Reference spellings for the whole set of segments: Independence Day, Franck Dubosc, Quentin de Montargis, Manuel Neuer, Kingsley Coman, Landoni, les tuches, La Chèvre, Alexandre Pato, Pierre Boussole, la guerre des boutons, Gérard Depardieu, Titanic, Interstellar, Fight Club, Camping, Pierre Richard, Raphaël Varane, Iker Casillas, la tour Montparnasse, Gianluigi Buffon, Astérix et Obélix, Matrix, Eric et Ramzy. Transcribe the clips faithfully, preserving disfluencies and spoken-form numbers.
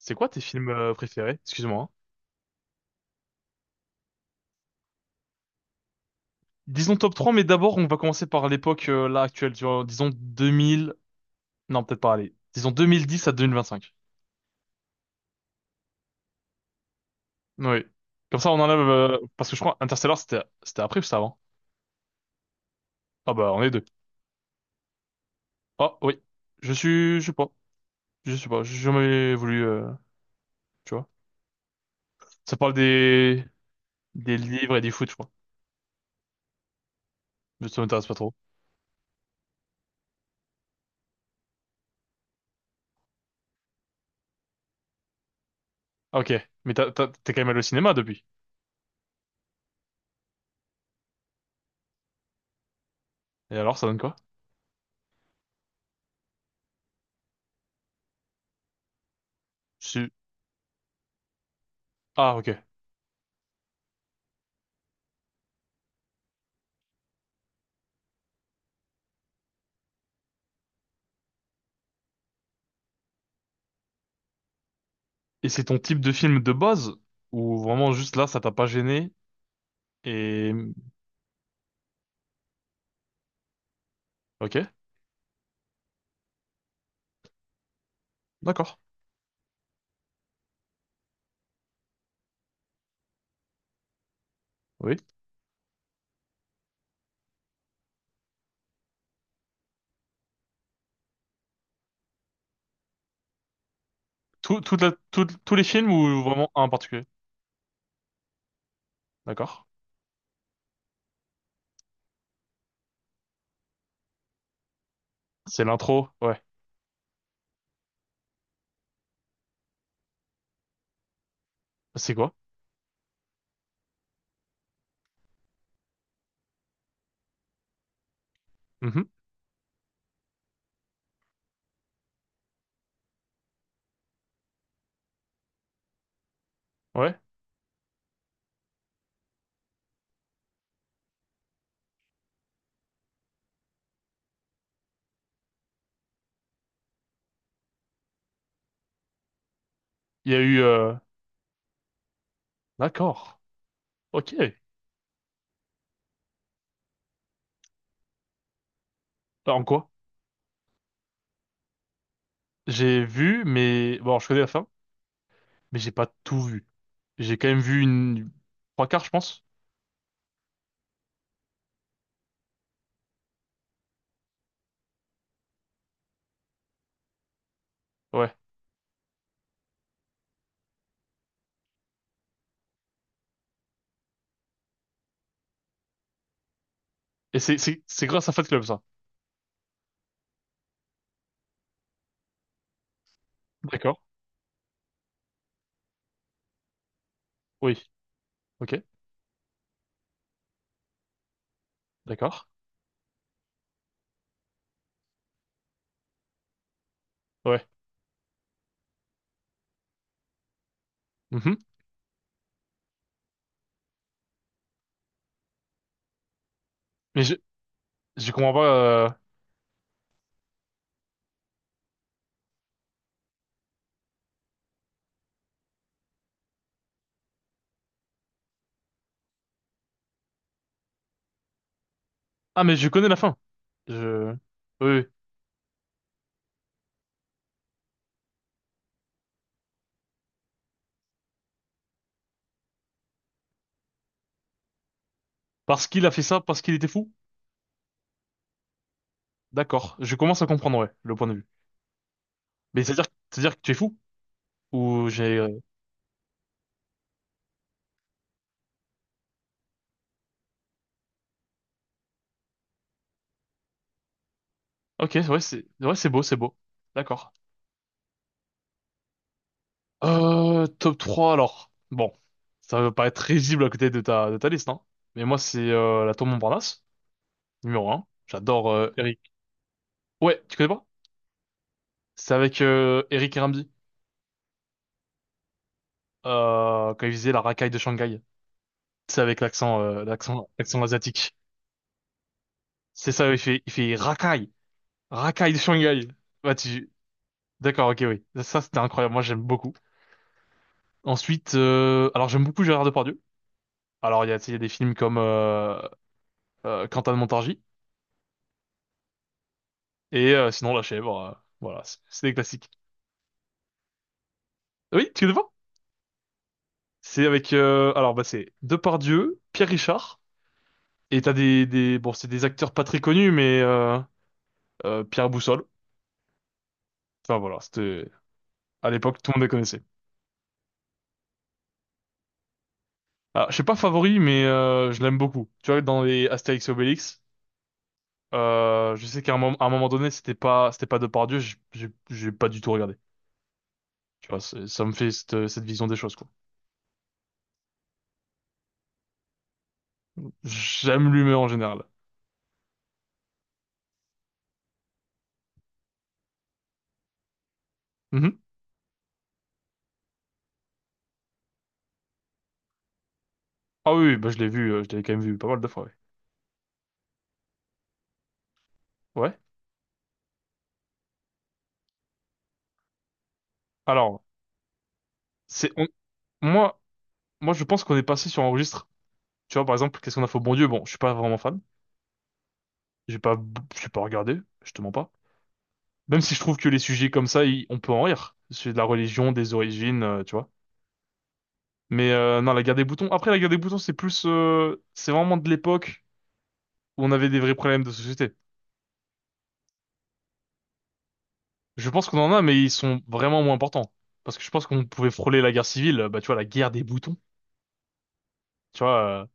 C'est quoi tes films euh, préférés? Excuse-moi, hein. Disons top trois, mais d'abord, on va commencer par l'époque euh, là actuelle, tu vois, disons deux mille, non, peut-être pas, allez, disons deux mille dix à deux mille vingt-cinq. Oui. Comme ça, on enlève, euh, parce que je crois Interstellar, c'était c'était après ou c'était avant? Ah bah, on est deux. Ah oui, je suis, je sais pas, je sais pas, j'ai jamais voulu, euh, tu vois. Ça parle des des livres et du foot, je crois. Mais ça m'intéresse pas trop. Ah, ok, mais t'as- t'as- t'es quand même allé au cinéma depuis. Et alors, ça donne quoi? Je suis- Ah, ok. Et c'est ton type de film de base ou vraiment juste là, ça t'a pas gêné et ok, d'accord, oui. Tout, toute la- tout- Tous les films ou vraiment un en particulier? D'accord. C'est l'intro, ouais. C'est quoi? Mhm. Ouais. Il y a eu, euh, d'accord, ok. Bah, en quoi? J'ai vu, mais bon, je connais la fin, mais j'ai pas tout vu. J'ai quand même vu une trois quarts, je pense. Ouais. Et c'est c'est c'est grâce à Fight Club ça. D'accord. Oui. Ok. D'accord. Ouais. Mhm. Mais je je comprends pas, euh, ah, mais je connais la fin. Je... Oui, oui. Parce qu'il a fait ça, parce qu'il était fou? D'accord. Je commence à comprendre, ouais, le point de vue. Mais c'est-à-dire, c'est-à-dire que tu es fou? Ou j'ai... euh, ok, ouais, c'est ouais, c'est beau, c'est beau. D'accord. Euh, top trois alors. Bon, ça va pas être risible à côté de ta, de ta liste, hein. Mais moi, c'est euh, la tour Montparnasse, numéro un. J'adore euh, Eric. Ouais, tu connais pas? C'est avec euh, Eric et Ramzy, euh, quand il faisait la racaille de Shanghai. C'est avec l'accent euh, l'accent l'accent asiatique. C'est ça, il fait il fait racaille. Rakai de Shanghai. Bah, tu... D'accord, ok, oui. Ça, c'était incroyable. Moi, j'aime beaucoup. Ensuite, euh, alors j'aime beaucoup Gérard Depardieu. Alors, il y a, tu sais, il y a des films comme euh, euh, Quentin de Montargis et euh, sinon La Chèvre, euh, voilà, c'est c'est des classiques. Ah oui, tu connais pas? C'est avec, euh, alors, bah, c'est Depardieu, Pierre Richard et t'as des, des, bon, c'est des acteurs pas très connus, mais euh, euh, Pierre Boussole. Enfin voilà, c'était à l'époque, tout le monde les connaissait. Ah, je sais pas favori, mais euh, je l'aime beaucoup. Tu vois, dans les Astérix et Obélix. Euh, je sais qu'à un moment, à un moment donné, c'était pas, c'était pas Dieu, j'ai j'ai- j'ai pas du tout regardé. Tu vois, c'est- ça me fait cette, cette vision des choses, quoi. J'aime l'humeur en général. Mhm. Ah oui, oui, bah je l'ai vu, euh, je l'ai quand même vu pas mal de fois, ouais. Ouais. Alors, c'est, on- moi, moi, je pense qu'on est passé sur un registre. Tu vois, par exemple, qu'est-ce qu'on a fait au bon Dieu? Bon, je suis pas vraiment fan. J'ai pas, je suis pas regardé, je te mens pas. Même si je trouve que les sujets comme ça, ils- on peut en rire. C'est de la religion, des origines, euh, tu vois. Mais euh, non, la guerre des boutons. Après, la guerre des boutons, c'est plus, euh, c'est vraiment de l'époque où on avait des vrais problèmes de société. Je pense qu'on en a, mais ils sont vraiment moins importants. Parce que je pense qu'on pouvait frôler la guerre civile, bah tu vois, la guerre des boutons. Tu vois, euh,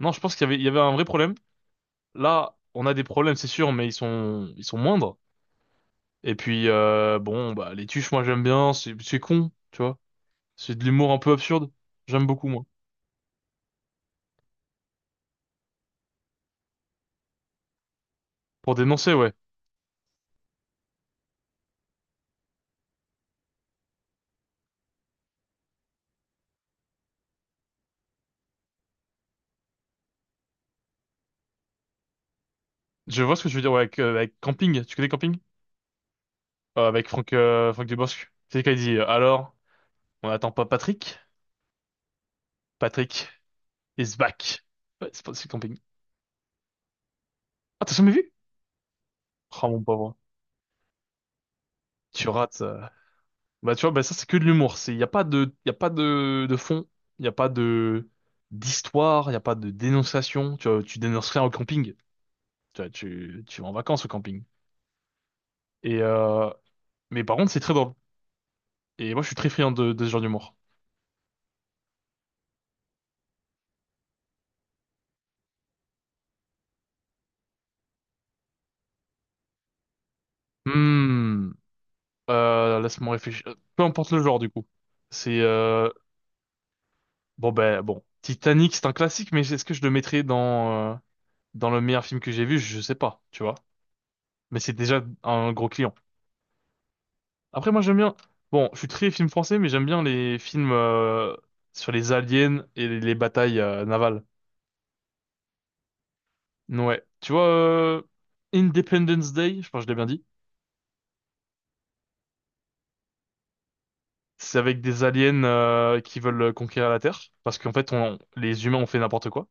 non, je pense qu'il y avait, il y avait un vrai problème. Là, on a des problèmes, c'est sûr, mais ils sont, ils sont moindres. Et puis, euh, bon, bah les tuches, moi j'aime bien, c'est, c'est con, tu vois. C'est de l'humour un peu absurde. J'aime beaucoup, moi. Pour dénoncer, ouais. Je vois ce que tu veux dire, ouais, avec, euh, avec Camping. Tu connais Camping? Euh, avec Franck, euh, Franck Dubosc. C'est quand il dit, euh, alors, on n'attend pas Patrick? Patrick is back. Ouais, c'est pas, c'est Camping. Ah, t'as jamais vu? Ah, mon pauvre. Tu rates, euh. Bah, tu vois, bah, ça, c'est que de l'humour. C'est, y a pas de, y a pas de, de fond. Y a pas de, d'histoire. Y a pas de dénonciation. Tu vois, tu dénonces rien au camping. Tu vois, tu, tu vas en vacances au camping. Et, euh, mais par contre, c'est très drôle. Et moi, je suis très friand de, de ce genre d'humour. Hmm. Euh, laisse-moi réfléchir. Euh, Peu importe le genre, du coup. C'est, euh, bon, ben, bon. Titanic, c'est un classique, mais est-ce que je le mettrais dans, euh, dans le meilleur film que j'ai vu? Je sais pas, tu vois. Mais c'est déjà un gros client. Après, moi, j'aime bien. Bon, je suis très film français, mais j'aime bien les films euh, sur les aliens et les, les batailles euh, navales. Ouais. Tu vois, euh, Independence Day, je pense que je l'ai bien dit. C'est avec des aliens euh, qui veulent euh, conquérir la Terre, parce qu'en fait, on, les humains ont fait n'importe quoi.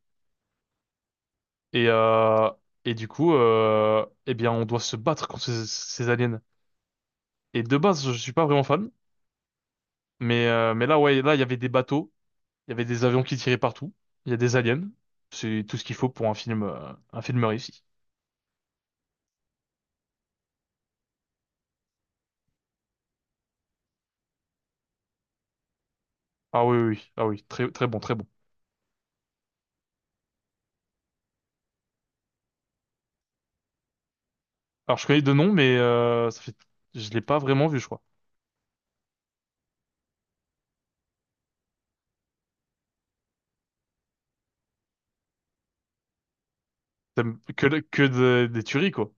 Et, euh, et du coup, euh, eh bien, on doit se battre contre ces, ces aliens. Et de base, je suis pas vraiment fan, mais, euh, mais là, ouais, là, il y avait des bateaux. Il y avait des avions qui tiraient partout. Il y a des aliens. C'est tout ce qu'il faut pour un film, euh, un film réussi. Ah oui, oui, oui, ah oui, très, très bon, très bon. Alors je connais deux noms, mais euh, ça fait, je l'ai pas vraiment vu, je crois. Ça me- Que, que de- des tueries, quoi.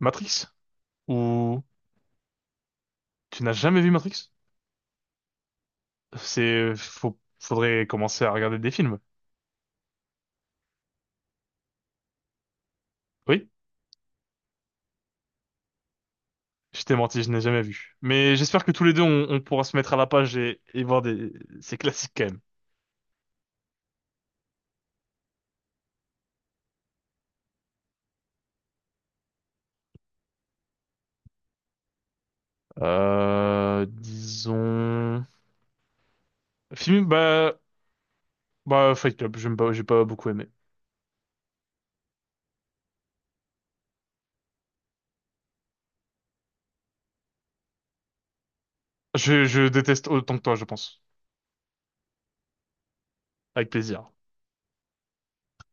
Matrix? Ou tu n'as jamais vu Matrix? C'est, faut, faudrait commencer à regarder des films. Oui, je t'ai menti, je n'ai jamais vu. Mais j'espère que tous les deux, on, on pourra se mettre à la page et, et voir des, ces classiques quand même. Euh, disons film, bah, bah, Fight Club, j'aime pas, j'ai pas beaucoup aimé. Je, je déteste autant que toi, je pense. Avec plaisir.